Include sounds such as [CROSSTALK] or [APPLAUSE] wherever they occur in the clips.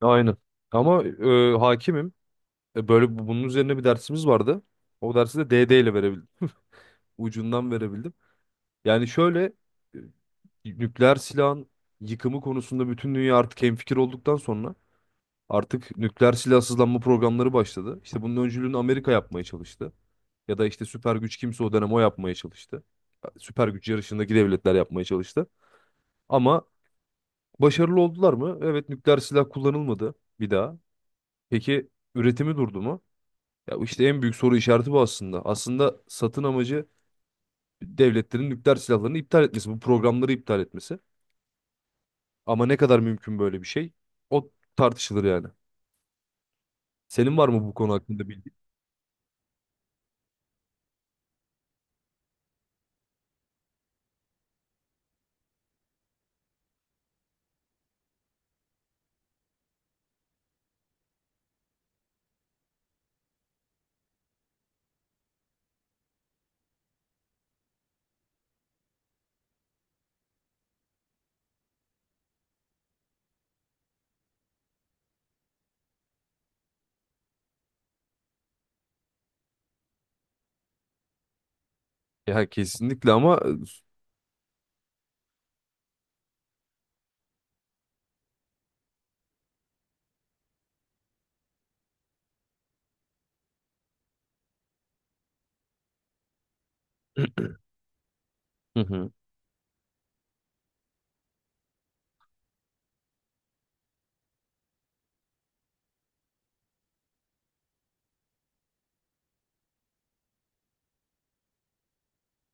Aynen. Ama hakimim. Böyle bunun üzerine bir dersimiz vardı. O dersi de DD ile verebildim. Ucundan verebildim. Yani şöyle, e, nükleer silahın yıkımı konusunda bütün dünya artık hemfikir olduktan sonra artık nükleer silahsızlanma programları başladı. İşte bunun öncülüğünü Amerika yapmaya çalıştı. Ya da işte süper güç kimse o dönem o yapmaya çalıştı. Süper güç yarışındaki devletler yapmaya çalıştı. Ama başarılı oldular mı? Evet, nükleer silah kullanılmadı bir daha. Peki üretimi durdu mu? Ya işte en büyük soru işareti bu aslında. Aslında satın amacı devletlerin nükleer silahlarını iptal etmesi, bu programları iptal etmesi. Ama ne kadar mümkün böyle bir şey? O tartışılır yani. Senin var mı bu konu hakkında bildiğin? Ya kesinlikle, ama hı hı.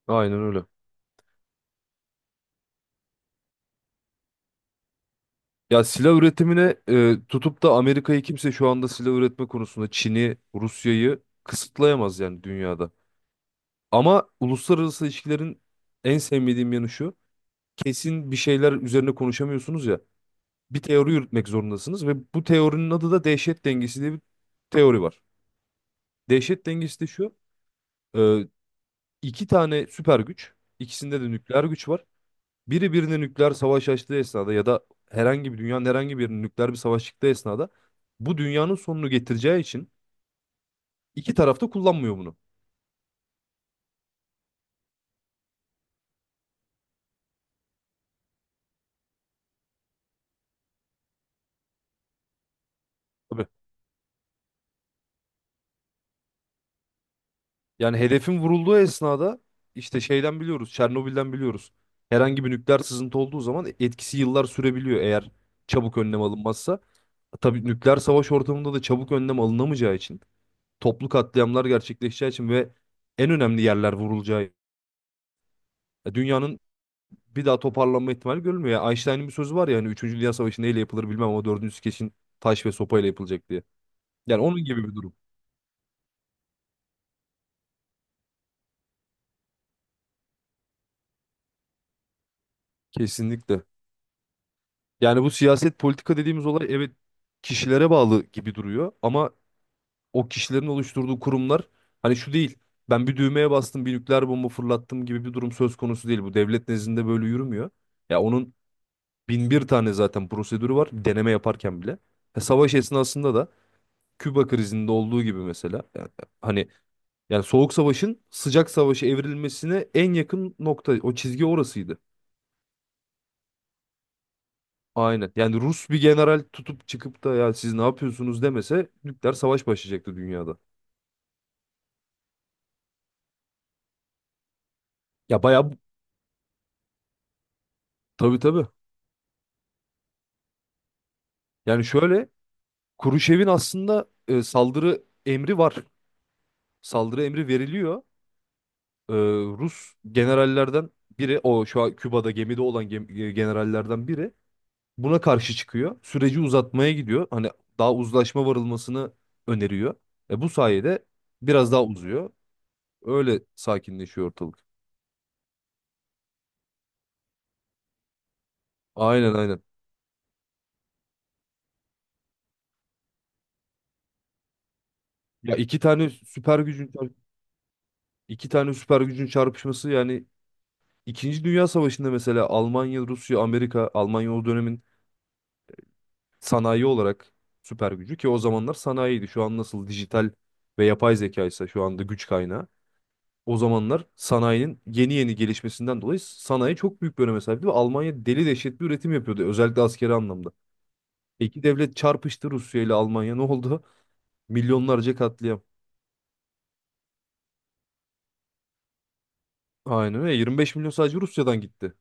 Aynen öyle. Ya silah üretimine tutup da Amerika'yı kimse şu anda silah üretme konusunda Çin'i, Rusya'yı kısıtlayamaz yani dünyada. Ama uluslararası ilişkilerin en sevmediğim yanı şu. Kesin bir şeyler üzerine konuşamıyorsunuz ya. Bir teori yürütmek zorundasınız ve bu teorinin adı da dehşet dengesi diye bir teori var. Dehşet dengesi de şu: e, iki tane süper güç, ikisinde de nükleer güç var. Biri birine nükleer savaş açtığı esnada ya da herhangi bir dünyanın herhangi bir yerine nükleer bir savaş çıktığı esnada bu dünyanın sonunu getireceği için iki taraf da kullanmıyor bunu. Tabii. Yani hedefin vurulduğu esnada işte şeyden biliyoruz, Çernobil'den biliyoruz. Herhangi bir nükleer sızıntı olduğu zaman etkisi yıllar sürebiliyor, eğer çabuk önlem alınmazsa. Tabii nükleer savaş ortamında da çabuk önlem alınamayacağı için, toplu katliamlar gerçekleşeceği için ve en önemli yerler vurulacağı, dünyanın bir daha toparlanma ihtimali görülmüyor. Yani Einstein'ın bir sözü var ya, hani 3. Dünya Savaşı neyle yapılır bilmem ama 4. kesin taş ve sopayla yapılacak diye. Yani onun gibi bir durum. Kesinlikle. Yani bu siyaset politika dediğimiz olay, evet, kişilere bağlı gibi duruyor ama o kişilerin oluşturduğu kurumlar hani şu değil. Ben bir düğmeye bastım, bir nükleer bomba fırlattım gibi bir durum söz konusu değil. Bu devlet nezdinde böyle yürümüyor. Ya onun bin bir tane zaten prosedürü var deneme yaparken bile. Savaş esnasında da Küba krizinde olduğu gibi mesela yani, hani yani soğuk savaşın sıcak savaşa evrilmesine en yakın nokta o çizgi orasıydı. Aynen. Yani Rus bir general tutup çıkıp da ya siz ne yapıyorsunuz demese nükleer savaş başlayacaktı dünyada. Ya bayağı tabii, tabii. Yani şöyle, Kuruşev'in aslında saldırı emri var. Saldırı emri veriliyor. E, Rus generallerden biri, o şu an Küba'da gemide olan generallerden biri, buna karşı çıkıyor. Süreci uzatmaya gidiyor. Hani daha uzlaşma varılmasını öneriyor. Bu sayede biraz daha uzuyor. Öyle sakinleşiyor ortalık. Aynen, aynen. Ya iki tane süper gücün iki tane süper gücün çarpışması yani. İkinci Dünya Savaşı'nda mesela Almanya, Rusya, Amerika, Almanya o dönemin sanayi olarak süper gücü, ki o zamanlar sanayiydi. Şu an nasıl dijital ve yapay zeka ise şu anda güç kaynağı. O zamanlar sanayinin yeni yeni gelişmesinden dolayı sanayi çok büyük bir öneme sahipti ve Almanya deli dehşet bir üretim yapıyordu özellikle askeri anlamda. İki devlet çarpıştı, Rusya ile Almanya, ne oldu? Milyonlarca katliam. Aynen öyle, 25 milyon sadece Rusya'dan gitti.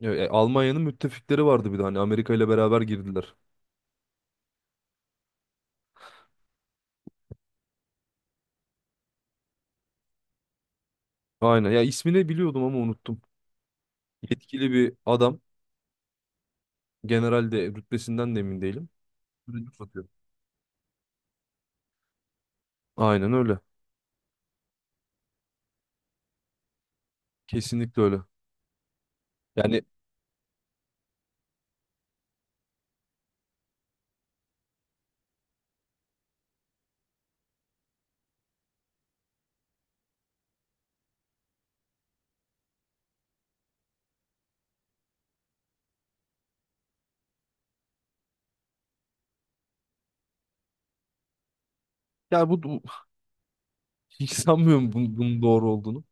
Ya, Almanya'nın müttefikleri vardı bir de, hani Amerika ile beraber girdiler. Aynen ya, ismini biliyordum ama unuttum. Yetkili bir adam. General de, rütbesinden de emin değilim. Mürekkep atıyor. Aynen öyle. Kesinlikle öyle. Yani ya [LAUGHS] hiç sanmıyorum bunun, bunun doğru olduğunu.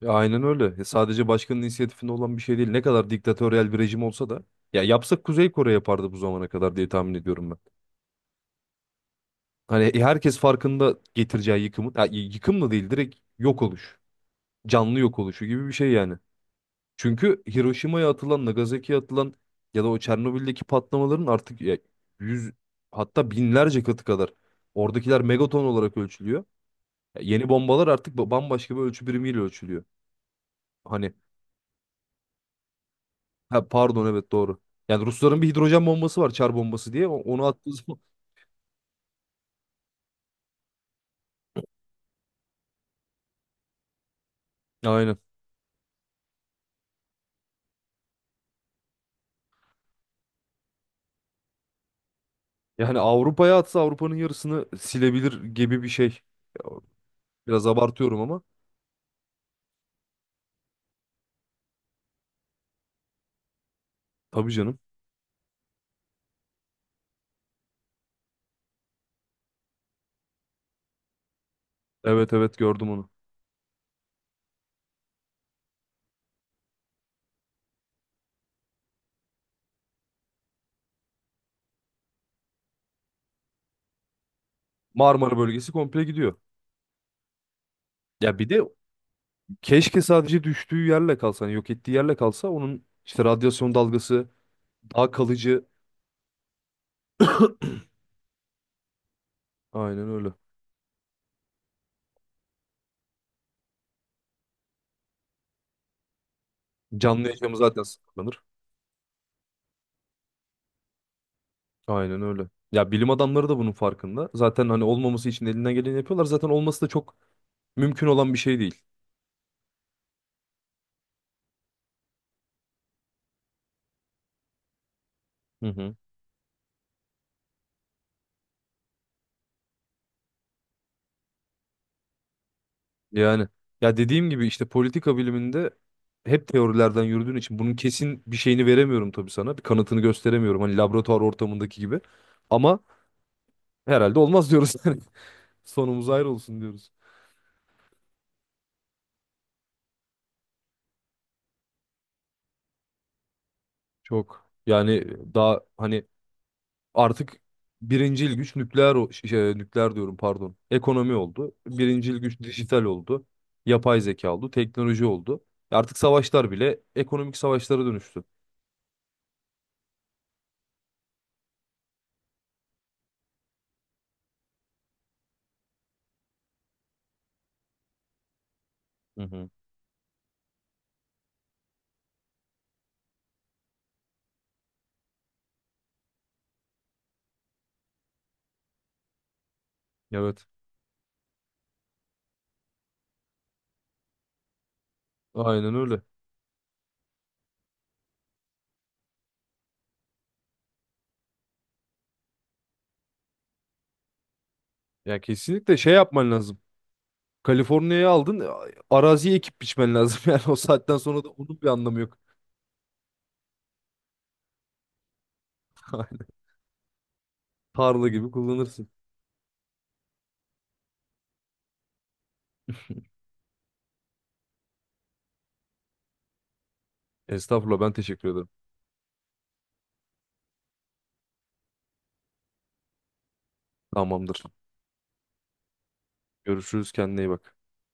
Ya aynen öyle. Ya sadece başkanın inisiyatifinde olan bir şey değil. Ne kadar diktatöryel bir rejim olsa da ya, yapsak Kuzey Kore yapardı bu zamana kadar diye tahmin ediyorum ben. Hani herkes farkında getireceği yıkımın, ya, yıkım da değil, direkt yok oluş. Canlı yok oluşu gibi bir şey yani. Çünkü Hiroşima'ya atılan, Nagasaki'ye atılan ya da o Çernobil'deki patlamaların artık ya yüz, hatta binlerce katı kadar, oradakiler megaton olarak ölçülüyor. Ya yeni bombalar artık bambaşka bir ölçü birimiyle ölçülüyor. Hani ha, pardon, evet doğru. Yani Rusların bir hidrojen bombası var, çar bombası diye, onu attığı zaman. [LAUGHS] Aynen. Yani Avrupa'ya atsa Avrupa'nın yarısını silebilir gibi bir şey. Ya, biraz abartıyorum ama. Tabii canım. Evet, evet, gördüm onu. Marmara bölgesi komple gidiyor. Ya bir de keşke sadece düştüğü yerle kalsa, hani yok ettiği yerle kalsa, onun işte radyasyon dalgası daha kalıcı. Aynen öyle. Canlı yaşamı zaten sınırlanır. Aynen öyle. Ya bilim adamları da bunun farkında. Zaten hani olmaması için elinden geleni yapıyorlar. Zaten olması da çok mümkün olan bir şey değil. Hı hı. Yani ya dediğim gibi işte politika biliminde hep teorilerden yürüdüğün için bunun kesin bir şeyini veremiyorum tabii sana. Bir kanıtını gösteremiyorum. Hani laboratuvar ortamındaki gibi. Ama herhalde olmaz diyoruz. [LAUGHS] Yani sonumuz ayrı olsun diyoruz. Çok. Yani daha hani artık birincil güç nükleer şey, nükleer diyorum, pardon. Ekonomi oldu. Birincil güç dijital oldu. Yapay zeka oldu. Teknoloji oldu. Artık savaşlar bile ekonomik savaşlara dönüştü. Hı hı. Evet. Aynen öyle. Ya kesinlikle şey yapman lazım. Kaliforniya'yı aldın, araziye ekip biçmen lazım. [LAUGHS] Yani o saatten sonra da onun bir anlamı yok. [LAUGHS] Tarla gibi kullanırsın. Estağfurullah, ben teşekkür ederim. Tamamdır. Görüşürüz, kendine iyi bak.